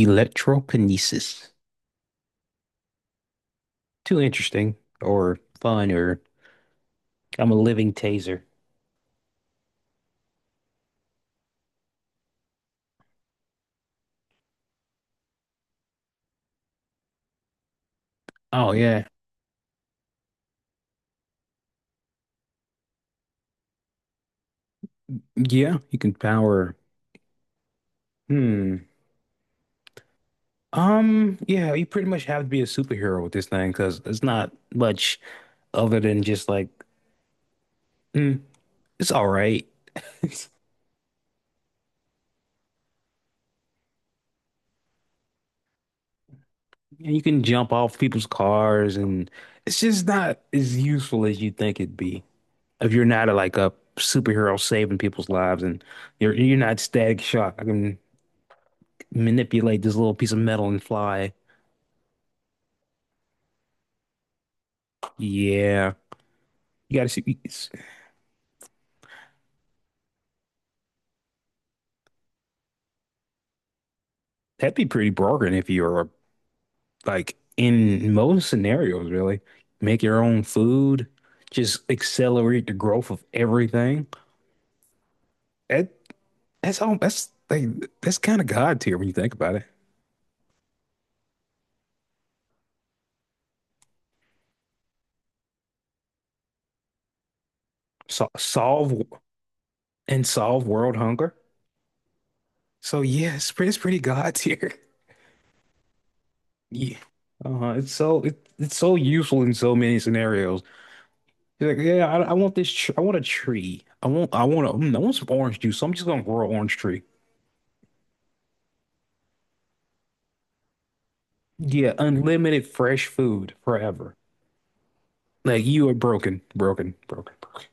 Electrokinesis. Too interesting or fun or I'm a living taser. Oh yeah. Yeah, you can power. Hmm. Yeah, you pretty much have to be a superhero with this thing because it's not much other than just like, mm, it's all right. And you can jump off people's cars, and it's just not as useful as you think it'd be if you're not a, like a superhero saving people's lives, and you're not Static Shock. I mean, manipulate this little piece of metal and fly. Yeah, you gotta see. That'd be pretty broken if you were, like, in most scenarios, really. Make your own food, just accelerate the growth of everything. That that's all. That's like that's kind of God tier when you think about it. So, solve And solve world hunger. So yeah, it's pretty God tier. Yeah, uh-huh. It's so it's so useful in so many scenarios. He's like, yeah, I want this. Tr I want a tree. I want. I want. I want some orange juice. So I'm just gonna grow an orange tree. Yeah, unlimited fresh food forever. Like you are broken, broken, broken, broken.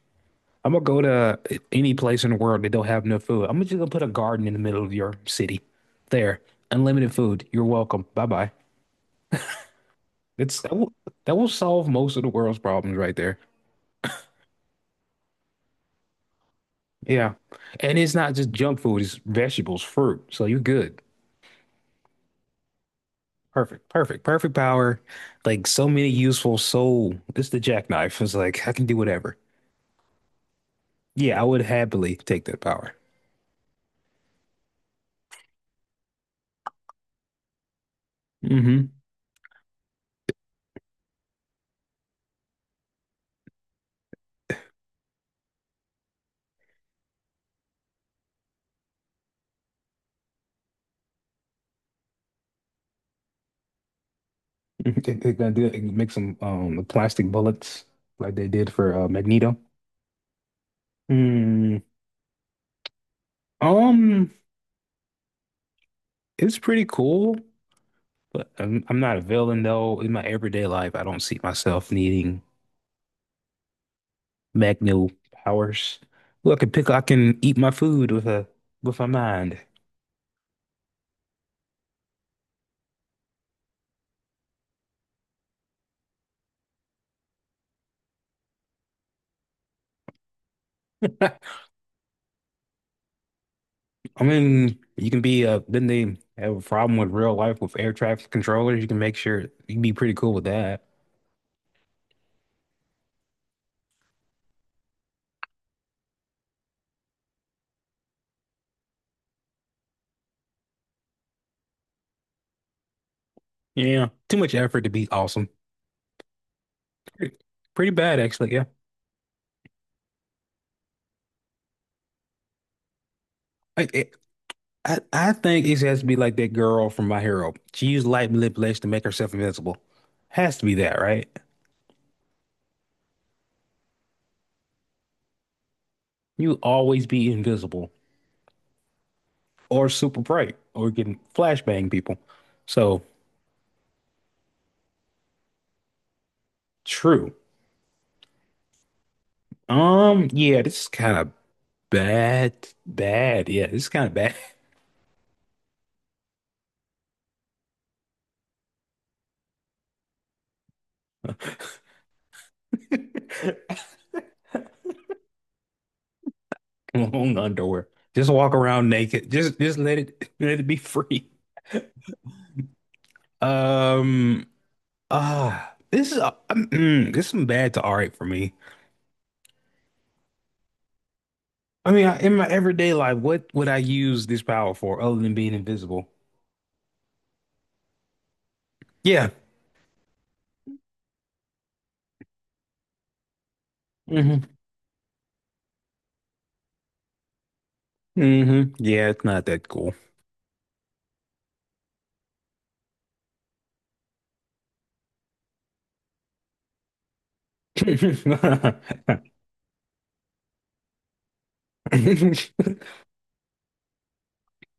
I'm gonna go to any place in the world that don't have enough food. I'm just gonna put a garden in the middle of your city. There, unlimited food. You're welcome. Bye bye. It's that will, that will solve most of the world's problems right there. Yeah, and it's not just junk food. It's vegetables, fruit. So you're good. Perfect, perfect, perfect power. Like so many useful so it's the jackknife. It's like I can do whatever. Yeah, I would happily take that power. Mm-hmm. They gonna do it, make some plastic bullets like they did for Magneto. Mm, um, it's pretty cool, but I'm not a villain though. In my everyday life, I don't see myself needing Magneto powers. Look, I can pick. I can eat my food with a with my mind. I mean, you can be then they have a problem with real life with air traffic controllers. You can make sure you can be pretty cool with that. Yeah. Too much effort to be awesome. Pretty, pretty bad actually, yeah. I, it, I think it has to be like that girl from My Hero. She used light manipulation to make herself invisible. Has to be that, right? You always be invisible or super bright or getting flashbang people. So true. Yeah, this is kind of bad, bad. Yeah, this is kind of bad. Long underwear. Just walk around naked. Just let it let it be free. Um this is this is some bad to all right for me. I mean, I, in my everyday life, what would I use this power for other than being invisible? Yeah. hmm hmm Yeah, it's not that cool.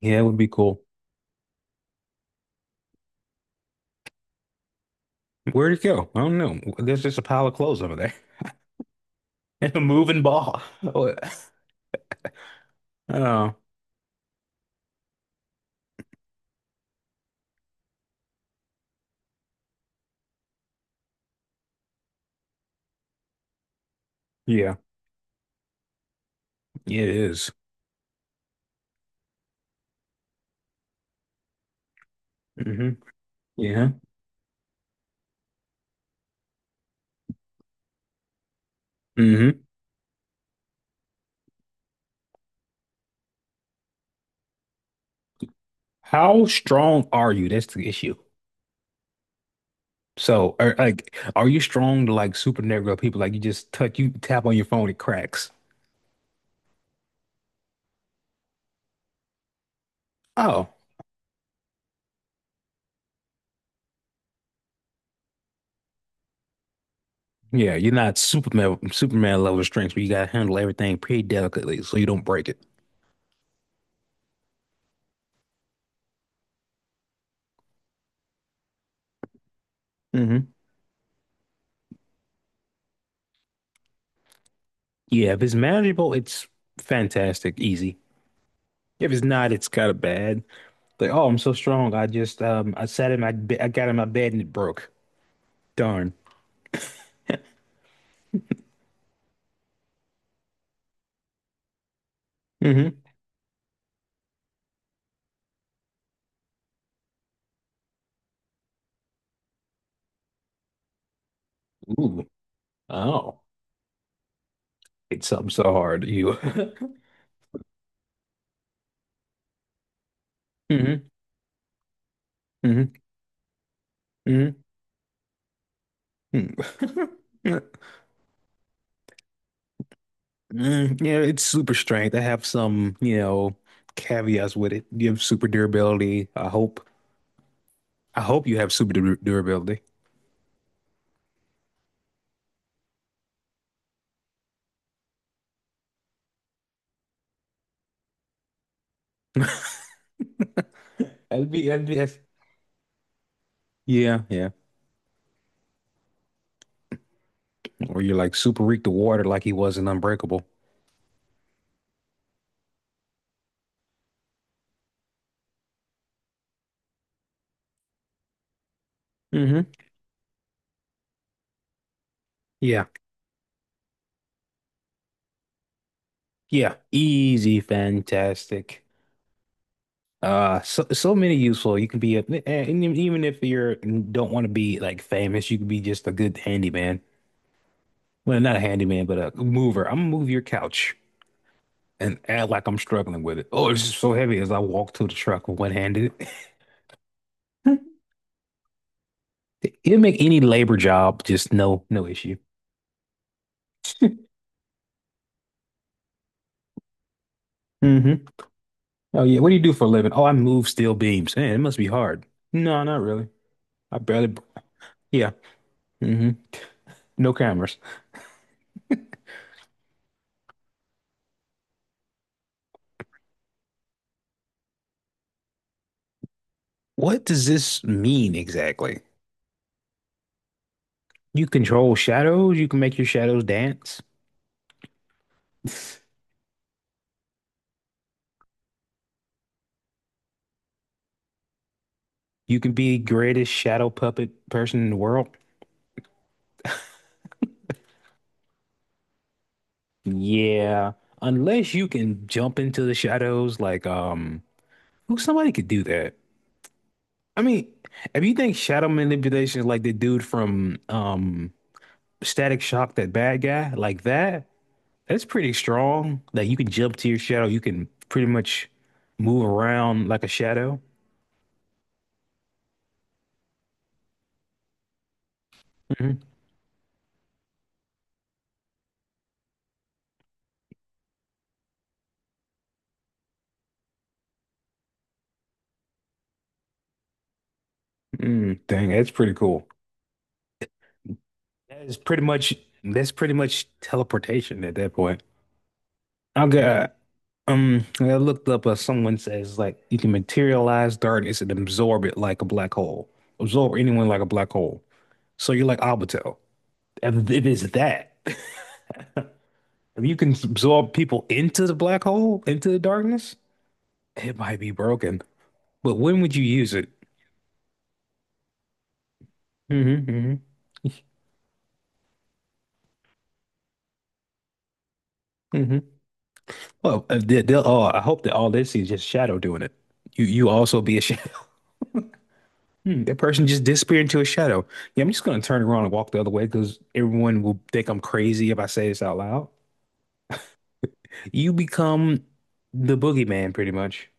Yeah, it would be cool. Where'd it go? I don't know. There's just a pile of clothes over there and a moving ball. Oh, yeah, yeah, it is. Mm-hmm. Yeah. hmm How strong are you? That's the issue. So, are, like, are you strong to like supernatural people? Like, you just touch, you tap on your phone, it cracks. Oh, yeah, you're not Superman, Superman level strength, but you gotta handle everything pretty delicately so you don't break it. Hmm Yeah, if it's manageable, it's fantastic, easy. If it's not, it's kind of bad. Like, oh, I'm so strong. I just, I got in my bed and it broke. Darn. Hmm Ooh. Oh, it's something so hard. You. hmm hmm Mhm. mm Mm, yeah, it's super strength. I have some, you know, caveats with it. You have super durability. I hope. I hope you have super durability. That's- yeah, yeah. Or you're like super weak to water, like he was in Unbreakable. Hmm Yeah, yeah. Easy, fantastic. So so many useful. You can be a, and e, even if you're don't want to be like famous, you can be just a good handyman. Well, not a handyman, but a mover. I'm gonna move your couch and act like I'm struggling with it. Oh, it's just so heavy as I walk to the truck with one handed. It'll make any labor job just no issue. Hmm Oh yeah, what do you do for a living? Oh, I move steel beams. Man, it must be hard. No, not really. I barely. Yeah. hmm No cameras. What does this mean exactly? You control shadows. You can make your shadows dance. You can be the greatest shadow puppet person in the world. Yeah, unless you can jump into the shadows like who somebody could do that? I mean, if you think shadow manipulation is like the dude from Static Shock, that bad guy, like that, that's pretty strong. Like you can jump to your shadow, you can pretty much move around like a shadow. Hmm Mm, dang, that's pretty cool. That is pretty much that's pretty much teleportation at that point. Okay. I looked up someone says like you can materialize darkness and absorb it like a black hole. Absorb anyone like a black hole. So you're like Obito. It is that. If you can absorb people into the black hole, into the darkness, it might be broken. But when would you use it? Mm-hmm, hmm hmm Well, they'll, oh, I hope that all they see is just shadow doing it. You also be a shadow. Hmm, that person just disappeared into a shadow. Yeah, I'm just gonna turn around and walk the other way because everyone will think I'm crazy if I say this out loud. You become the boogeyman, pretty much.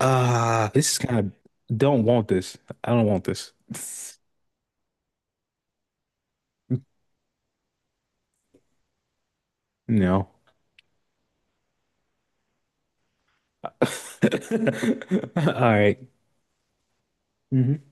Ah, this is kind of don't want this. I don't want this. No. All right. Mhm.